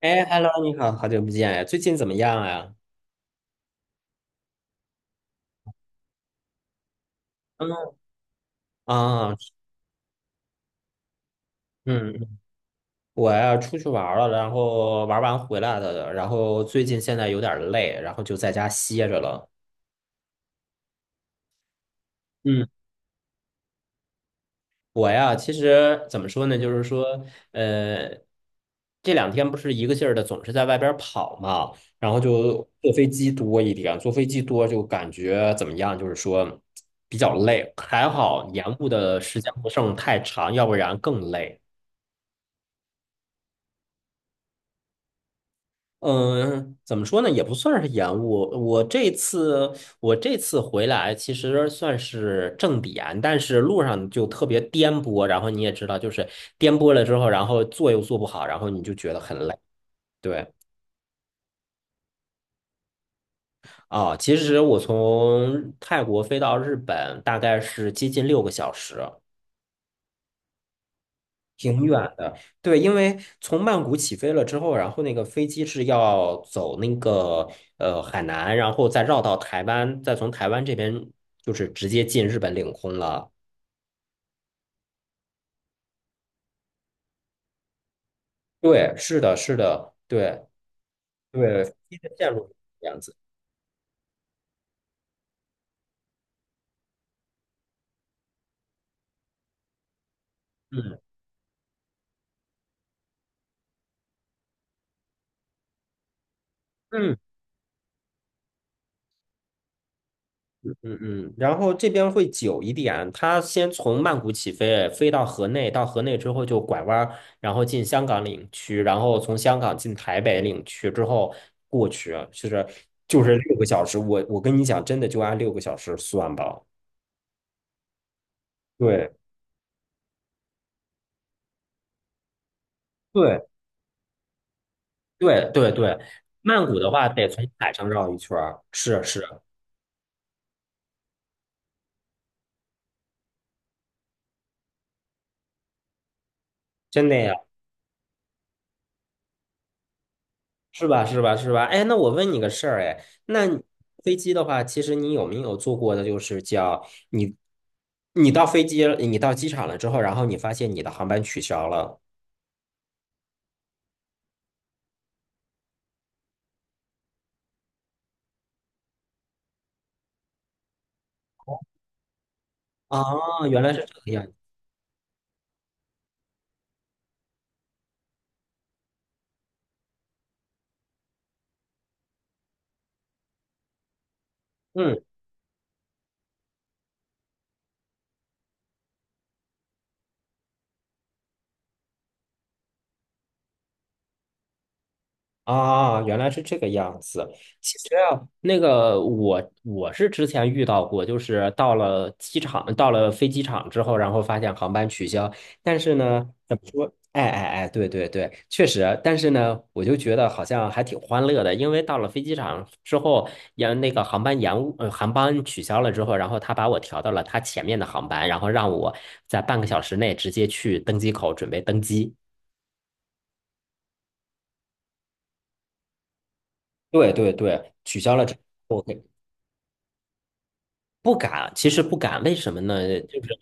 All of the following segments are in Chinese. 哎，Hello，你好，好久不见呀，最近怎么样呀？嗯啊，嗯，我呀出去玩儿了，然后玩完回来的，然后最近现在有点儿累，然后就在家歇着了。嗯，我呀，其实怎么说呢，就是说，呃，这两天不是一个劲儿的总是在外边儿跑嘛，然后就坐飞机多一点，坐飞机多就感觉怎么样，就是说比较累，还好延误的时间不剩太长，要不然更累。嗯，怎么说呢，也不算是延误。我这次我这次回来，其实算是正点，但是路上就特别颠簸。然后你也知道，就是颠簸了之后，然后坐又坐不好，然后你就觉得很累。对，啊，其实我从泰国飞到日本大概是接近六个小时。挺远的，对，因为从曼谷起飞了之后，然后那个飞机是要走那个海南，然后再绕到台湾，再从台湾这边就是直接进日本领空了。对，是的，是的，对对，飞机的线路是这样子。嗯嗯。嗯嗯，然后这边会久一点，它先从曼谷起飞，飞到河内，到河内之后就拐弯儿，然后进香港领区，然后从香港进台北领区之后过去，就是六个小时。我跟你讲，真的就按六个小时算吧。对对对对对，曼谷的话得从海上绕一圈儿，是是，真的呀。是吧？是吧？是吧？哎，那我问你个事儿，哎，那你飞机的话，其实你有没有做过的，就是叫你，你到飞机，你到机场了之后，然后你发现你的航班取消了。啊，原来是这个样子。嗯啊，原来是这个样子。其实啊，那个我是之前遇到过，就是到了机场，到了飞机场之后，然后发现航班取消。但是呢，怎么说？哎哎哎，对对对，确实。但是呢，我就觉得好像还挺欢乐的，因为到了飞机场之后，那个航班延误，航班取消了之后，然后他把我调到了他前面的航班，然后让我在半个小时内直接去登机口准备登机。对对对，取消了之后。不敢，其实不敢，为什么呢？就是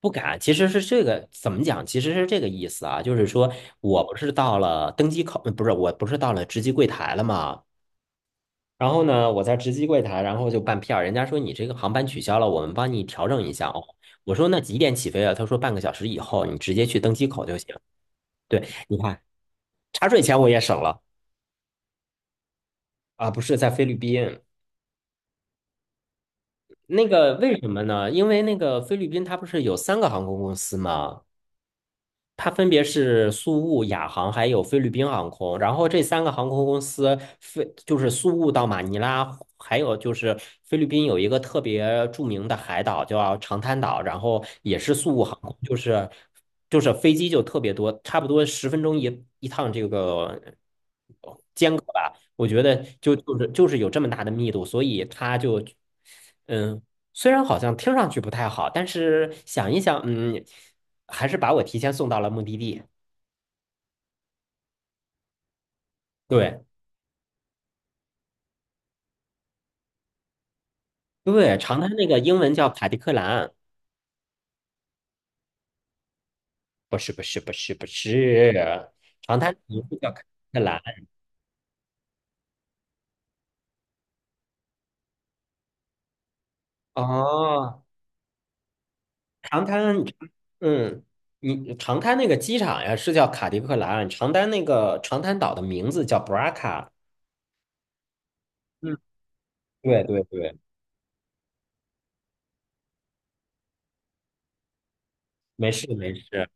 不敢，其实是这个怎么讲？其实是这个意思啊，就是说我不是到了登机口，不是，我不是到了值机柜台了嘛。然后呢，我在值机柜台，然后就办票，人家说你这个航班取消了，我们帮你调整一下哦。我说那几点起飞啊？他说半个小时以后，你直接去登机口就行。对，你看茶水钱我也省了啊，不是在菲律宾。那个为什么呢？因为那个菲律宾它不是有三个航空公司吗？它分别是苏雾、亚航还有菲律宾航空，然后这三个航空公司，飞就是苏雾到马尼拉，还有就是菲律宾有一个特别著名的海岛叫长滩岛，然后也是苏雾航空，就是飞机就特别多，差不多十分钟一趟这个，我觉得就是有这么大的密度，所以它就嗯。虽然好像听上去不太好，但是想一想，嗯，还是把我提前送到了目的地。对对，长滩那个英文叫卡迪克兰，不是不是不是不是，长滩名字叫卡迪克兰。哦，长滩，嗯，你长滩那个机场呀是叫卡迪克兰，长滩那个长滩岛的名字叫布拉卡。嗯，对对对，没事没事，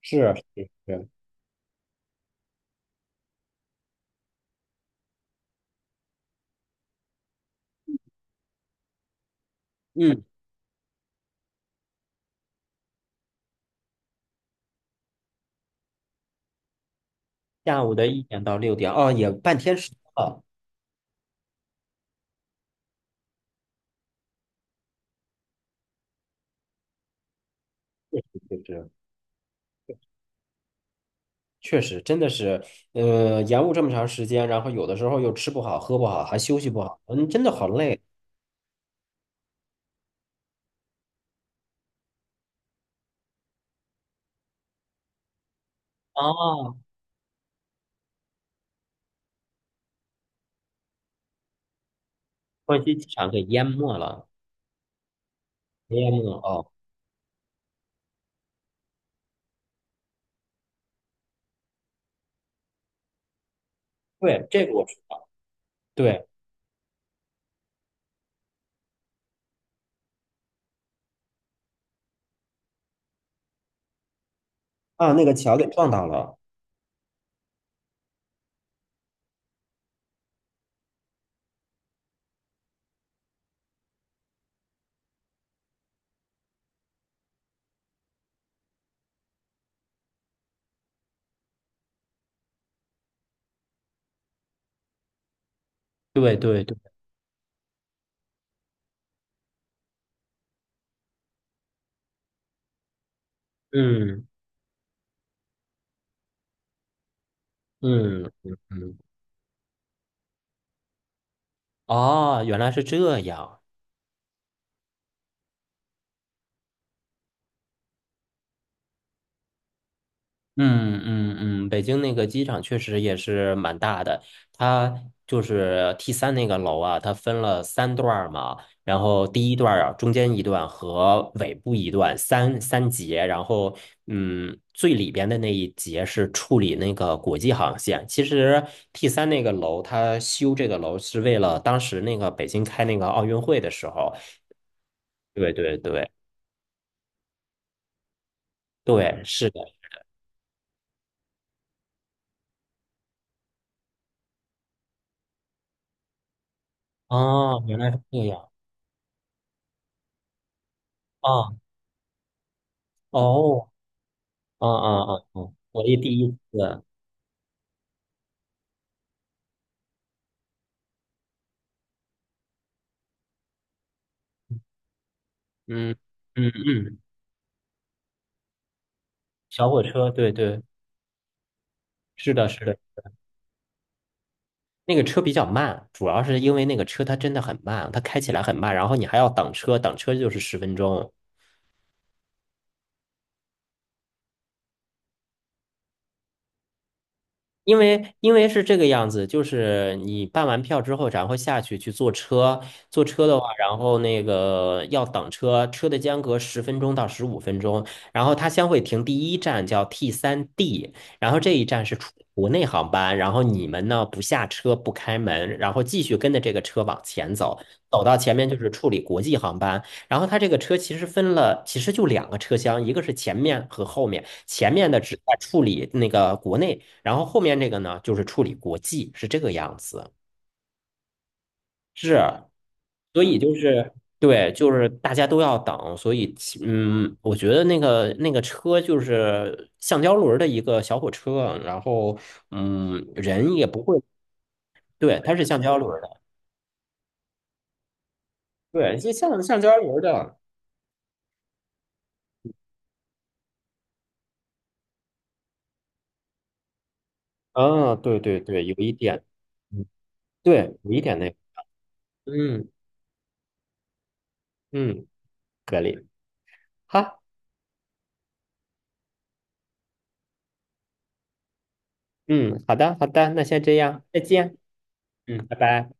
是是是，嗯，下午的1点到6点，哦，也半天时间了，就是。确实，真的是，延误这么长时间，然后有的时候又吃不好、喝不好，还休息不好，嗯，真的好累。哦，关西机场给淹没了，淹没了哦。对，这个我知道。对啊，那个桥给撞到了。对对对，嗯嗯嗯嗯，哦，原来是这样。嗯嗯嗯，北京那个机场确实也是蛮大的，它就是 T 三那个楼啊，它分了三段儿嘛，然后第一段儿啊，中间一段和尾部一段三节，然后嗯，最里边的那一节是处理那个国际航线。其实 T 三那个楼，它修这个楼是为了当时那个北京开那个奥运会的时候，对对对对，是的，哦，原来是这样啊，哦。嗯嗯嗯嗯，我也第一次，嗯嗯嗯，小火车，对对，是的，是的，那个车比较慢，主要是因为那个车它真的很慢，它开起来很慢，然后你还要等车，等车就是十分钟。因为是这个样子，就是你办完票之后，然后下去去坐车，坐车的话，然后那个要等车，车的间隔10分钟到15分钟，然后它将会停第一站叫 T 三 D，然后这一站是出国内航班，然后你们呢不下车不开门，然后继续跟着这个车往前走，走到前面就是处理国际航班，然后它这个车其实分了，其实就两个车厢，一个是前面和后面，前面的只在处理那个国内。然后后面这个呢，就是处理国际，是这个样子。是，所以就是对，就是大家都要等，所以我觉得那个车就是橡胶轮儿的一个小火车，然后嗯，人也不会，对，它是橡胶轮儿的，对，就像橡胶轮儿的，啊，对对对，有一点，嗯，对，有一点那个，嗯嗯，可以，好，嗯，好的好的，那先这样，再见，嗯，拜拜。